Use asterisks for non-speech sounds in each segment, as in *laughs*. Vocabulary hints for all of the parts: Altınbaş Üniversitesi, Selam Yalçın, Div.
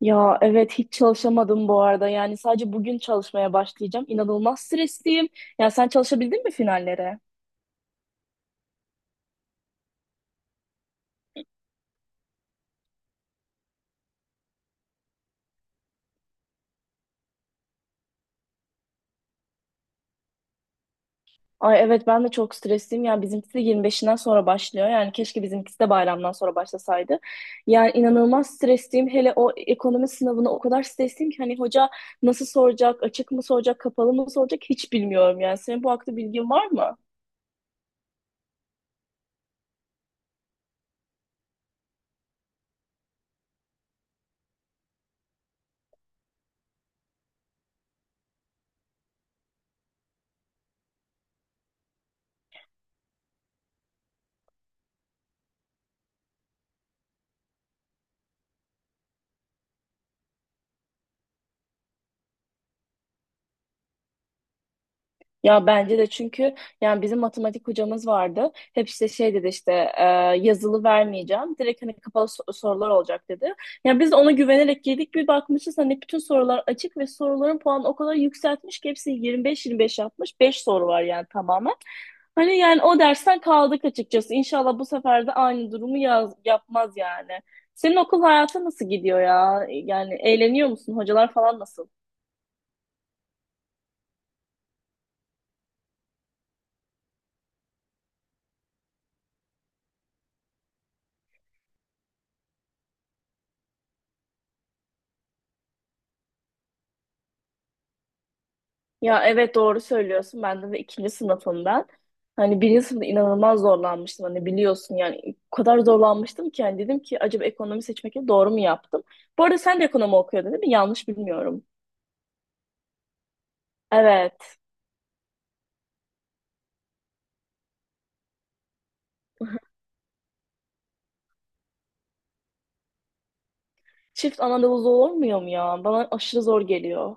Ya evet hiç çalışamadım bu arada. Yani sadece bugün çalışmaya başlayacağım. İnanılmaz stresliyim. Ya sen çalışabildin mi finallere? Ay evet ben de çok stresliyim. Yani bizimkisi de 25'inden sonra başlıyor. Yani keşke bizimkisi de bayramdan sonra başlasaydı. Yani inanılmaz stresliyim. Hele o ekonomi sınavına o kadar stresliyim ki hani hoca nasıl soracak, açık mı soracak, kapalı mı soracak hiç bilmiyorum yani. Senin bu hakta bilgin var mı? Ya bence de çünkü yani bizim matematik hocamız vardı. Hep işte şey dedi işte e, yazılı vermeyeceğim. Direkt hani kapalı sorular olacak dedi. Yani biz de ona güvenerek girdik. Bir bakmışız hani bütün sorular açık ve soruların puanı o kadar yükseltmiş ki hepsi 25-25 yapmış. 5 soru var yani tamamen. Hani yani o dersten kaldık açıkçası. İnşallah bu sefer de aynı durumu yaz, yapmaz yani. Senin okul hayatı nasıl gidiyor ya? Yani eğleniyor musun? Hocalar falan nasıl? Ya evet doğru söylüyorsun. Ben de ikinci sınıfımdan. Hani birinci sınıfta inanılmaz zorlanmıştım. Hani biliyorsun yani o kadar zorlanmıştım ki hani dedim ki acaba ekonomi seçmekle doğru mu yaptım? Bu arada sen de ekonomi okuyordun değil mi? Yanlış bilmiyorum. Evet. *laughs* Çift ana olur olmuyor mu ya? Bana aşırı zor geliyor.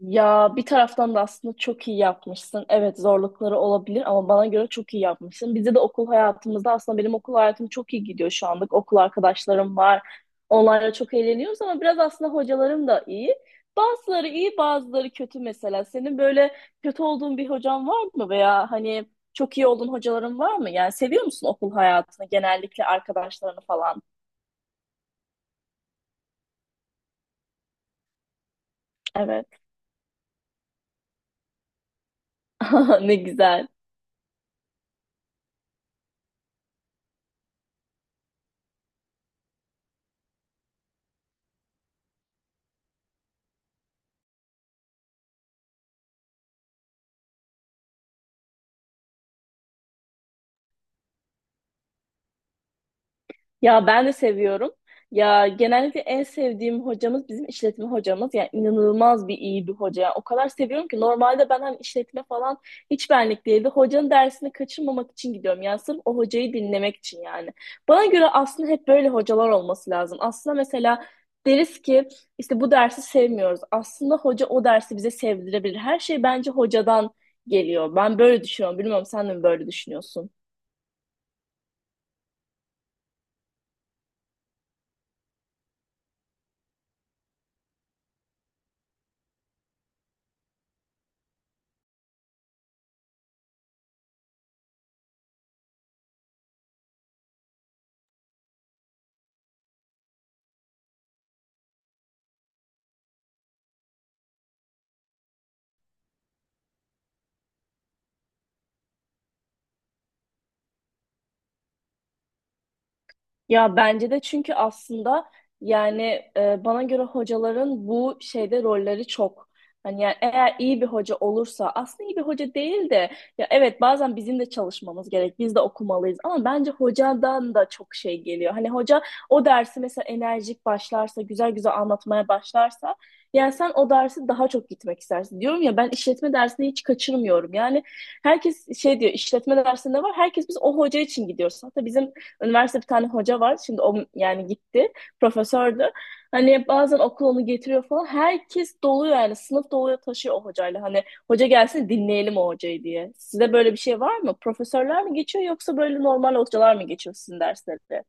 Ya bir taraftan da aslında çok iyi yapmışsın. Evet zorlukları olabilir ama bana göre çok iyi yapmışsın. Bizde de okul hayatımızda aslında benim okul hayatım çok iyi gidiyor şu anlık. Okul arkadaşlarım var. Onlarla çok eğleniyoruz ama biraz aslında hocalarım da iyi. Bazıları iyi, bazıları kötü mesela. Senin böyle kötü olduğun bir hocan var mı veya hani çok iyi olduğun hocaların var mı? Yani seviyor musun okul hayatını, genellikle arkadaşlarını falan? Evet. *laughs* Ne güzel. Ya ben de seviyorum. Ya genellikle en sevdiğim hocamız bizim işletme hocamız. Yani inanılmaz bir iyi bir hoca. Yani o kadar seviyorum ki normalde ben hani işletme falan hiç benlik değildi. Hocanın dersini kaçırmamak için gidiyorum. Yani sırf o hocayı dinlemek için yani. Bana göre aslında hep böyle hocalar olması lazım. Aslında mesela deriz ki işte bu dersi sevmiyoruz. Aslında hoca o dersi bize sevdirebilir. Her şey bence hocadan geliyor. Ben böyle düşünüyorum. Bilmiyorum sen de mi böyle düşünüyorsun? Ya bence de çünkü aslında yani bana göre hocaların bu şeyde rolleri çok. Hani yani eğer iyi bir hoca olursa aslında iyi bir hoca değil de ya evet bazen bizim de çalışmamız gerek. Biz de okumalıyız ama bence hocadan da çok şey geliyor. Hani hoca o dersi mesela enerjik başlarsa, güzel güzel anlatmaya başlarsa yani sen o dersi daha çok gitmek istersin. Diyorum ya ben işletme dersini hiç kaçırmıyorum. Yani herkes şey diyor işletme dersinde var. Herkes biz o hoca için gidiyoruz. Hatta bizim üniversite bir tane hoca var. Şimdi o yani gitti. Profesördü. Hani bazen okul onu getiriyor falan. Herkes doluyor yani. Sınıf doluyor taşıyor o hocayla. Hani hoca gelsin dinleyelim o hocayı diye. Size böyle bir şey var mı? Profesörler mi geçiyor yoksa böyle normal hocalar mı geçiyor sizin derslerde?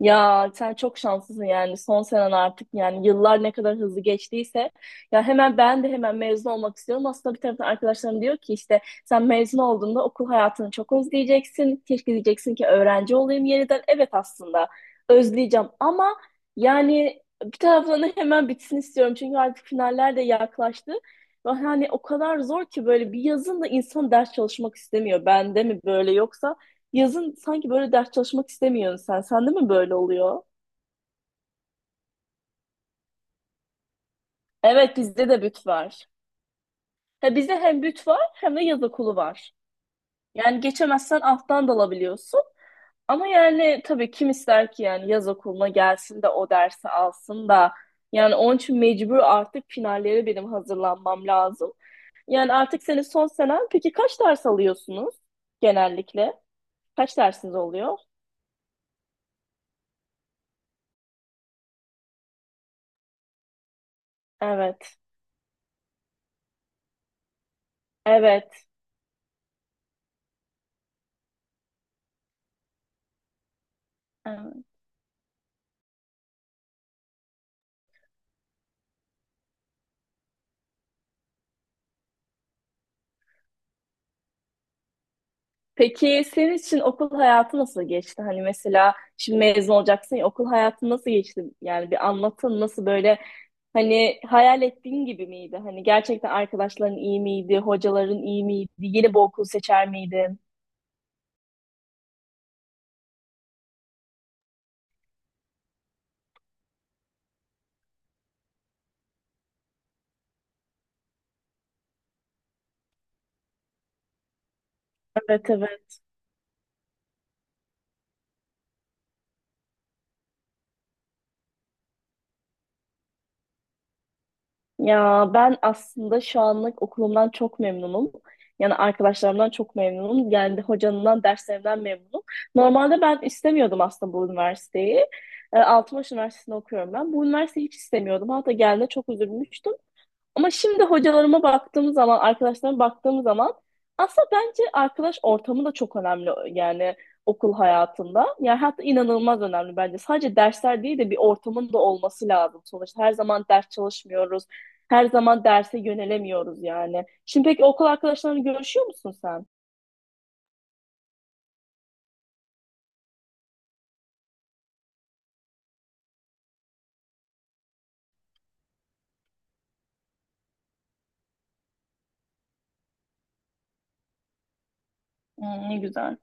Ya sen çok şanslısın yani son senen artık yani yıllar ne kadar hızlı geçtiyse ya hemen ben de hemen mezun olmak istiyorum. Aslında bir taraftan arkadaşlarım diyor ki işte sen mezun olduğunda okul hayatını çok özleyeceksin. Keşke diyeceksin ki öğrenci olayım yeniden. Evet aslında özleyeceğim ama yani bir taraftan da hemen bitsin istiyorum. Çünkü artık finaller de yaklaştı. Ve hani o kadar zor ki böyle bir yazın da insan ders çalışmak istemiyor. Bende mi böyle yoksa yazın sanki böyle ders çalışmak istemiyorsun sen. Sende mi böyle oluyor? Evet bizde de büt var. Ha, bizde hem büt var hem de yaz okulu var. Yani geçemezsen alttan dalabiliyorsun. Ama yani tabii kim ister ki yani yaz okuluna gelsin de o dersi alsın da. Yani onun için mecbur artık finallere benim hazırlanmam lazım. Yani artık senin son senen. Peki kaç ders alıyorsunuz genellikle? Kaç dersiniz oluyor? Evet. Evet. Evet. Peki senin için okul hayatı nasıl geçti? Hani mesela şimdi mezun olacaksın ya okul hayatı nasıl geçti? Yani bir anlatın nasıl böyle hani hayal ettiğin gibi miydi? Hani gerçekten arkadaşların iyi miydi? Hocaların iyi miydi? Yeni bir okul seçer miydin? Evet evet. Ya ben aslında şu anlık okulumdan çok memnunum. Yani arkadaşlarımdan çok memnunum. Yani hocanından, derslerimden memnunum. Normalde ben istemiyordum aslında bu üniversiteyi. Altınbaş Üniversitesi'nde okuyorum ben. Bu üniversiteyi hiç istemiyordum. Hatta geldiğinde çok üzülmüştüm. Ama şimdi hocalarıma baktığım zaman, arkadaşlarıma baktığım zaman aslında bence arkadaş ortamı da çok önemli yani okul hayatında. Yani hatta inanılmaz önemli bence. Sadece dersler değil de bir ortamın da olması lazım sonuçta. Her zaman ders çalışmıyoruz. Her zaman derse yönelemiyoruz yani. Şimdi peki okul arkadaşlarını görüşüyor musun sen? Hmm, ne güzel.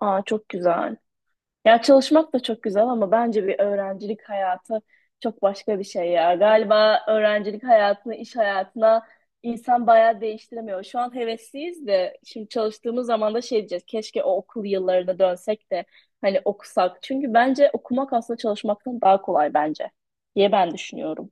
Aa çok güzel. Ya çalışmak da çok güzel ama bence bir öğrencilik hayatı çok başka bir şey ya. Galiba öğrencilik hayatını iş hayatına insan bayağı değiştiremiyor. Şu an hevesliyiz de şimdi çalıştığımız zaman da şey diyeceğiz. Keşke o okul yıllarına dönsek de hani okusak. Çünkü bence okumak aslında çalışmaktan daha kolay bence diye ben düşünüyorum.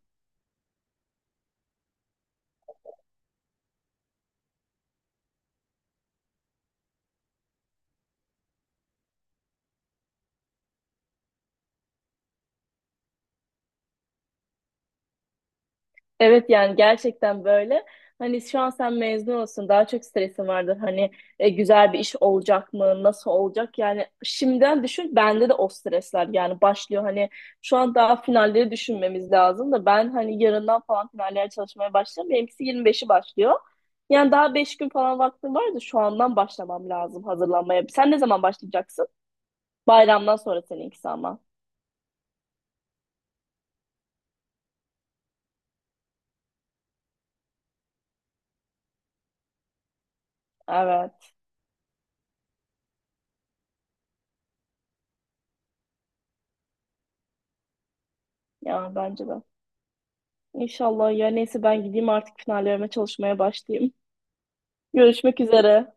Evet yani gerçekten böyle. Hani şu an sen mezun olsun daha çok stresin vardır. Hani güzel bir iş olacak mı? Nasıl olacak? Yani şimdiden düşün bende de o stresler yani başlıyor. Hani şu an daha finalleri düşünmemiz lazım da ben hani yarından falan finallere çalışmaya başlayacağım. Benimkisi 25'i başlıyor. Yani daha 5 gün falan vaktim var da şu andan başlamam lazım hazırlanmaya. Sen ne zaman başlayacaksın? Bayramdan sonra seninkisi ama. Evet. Ya bence de. İnşallah ya neyse ben gideyim artık finallerime çalışmaya başlayayım. Görüşmek üzere.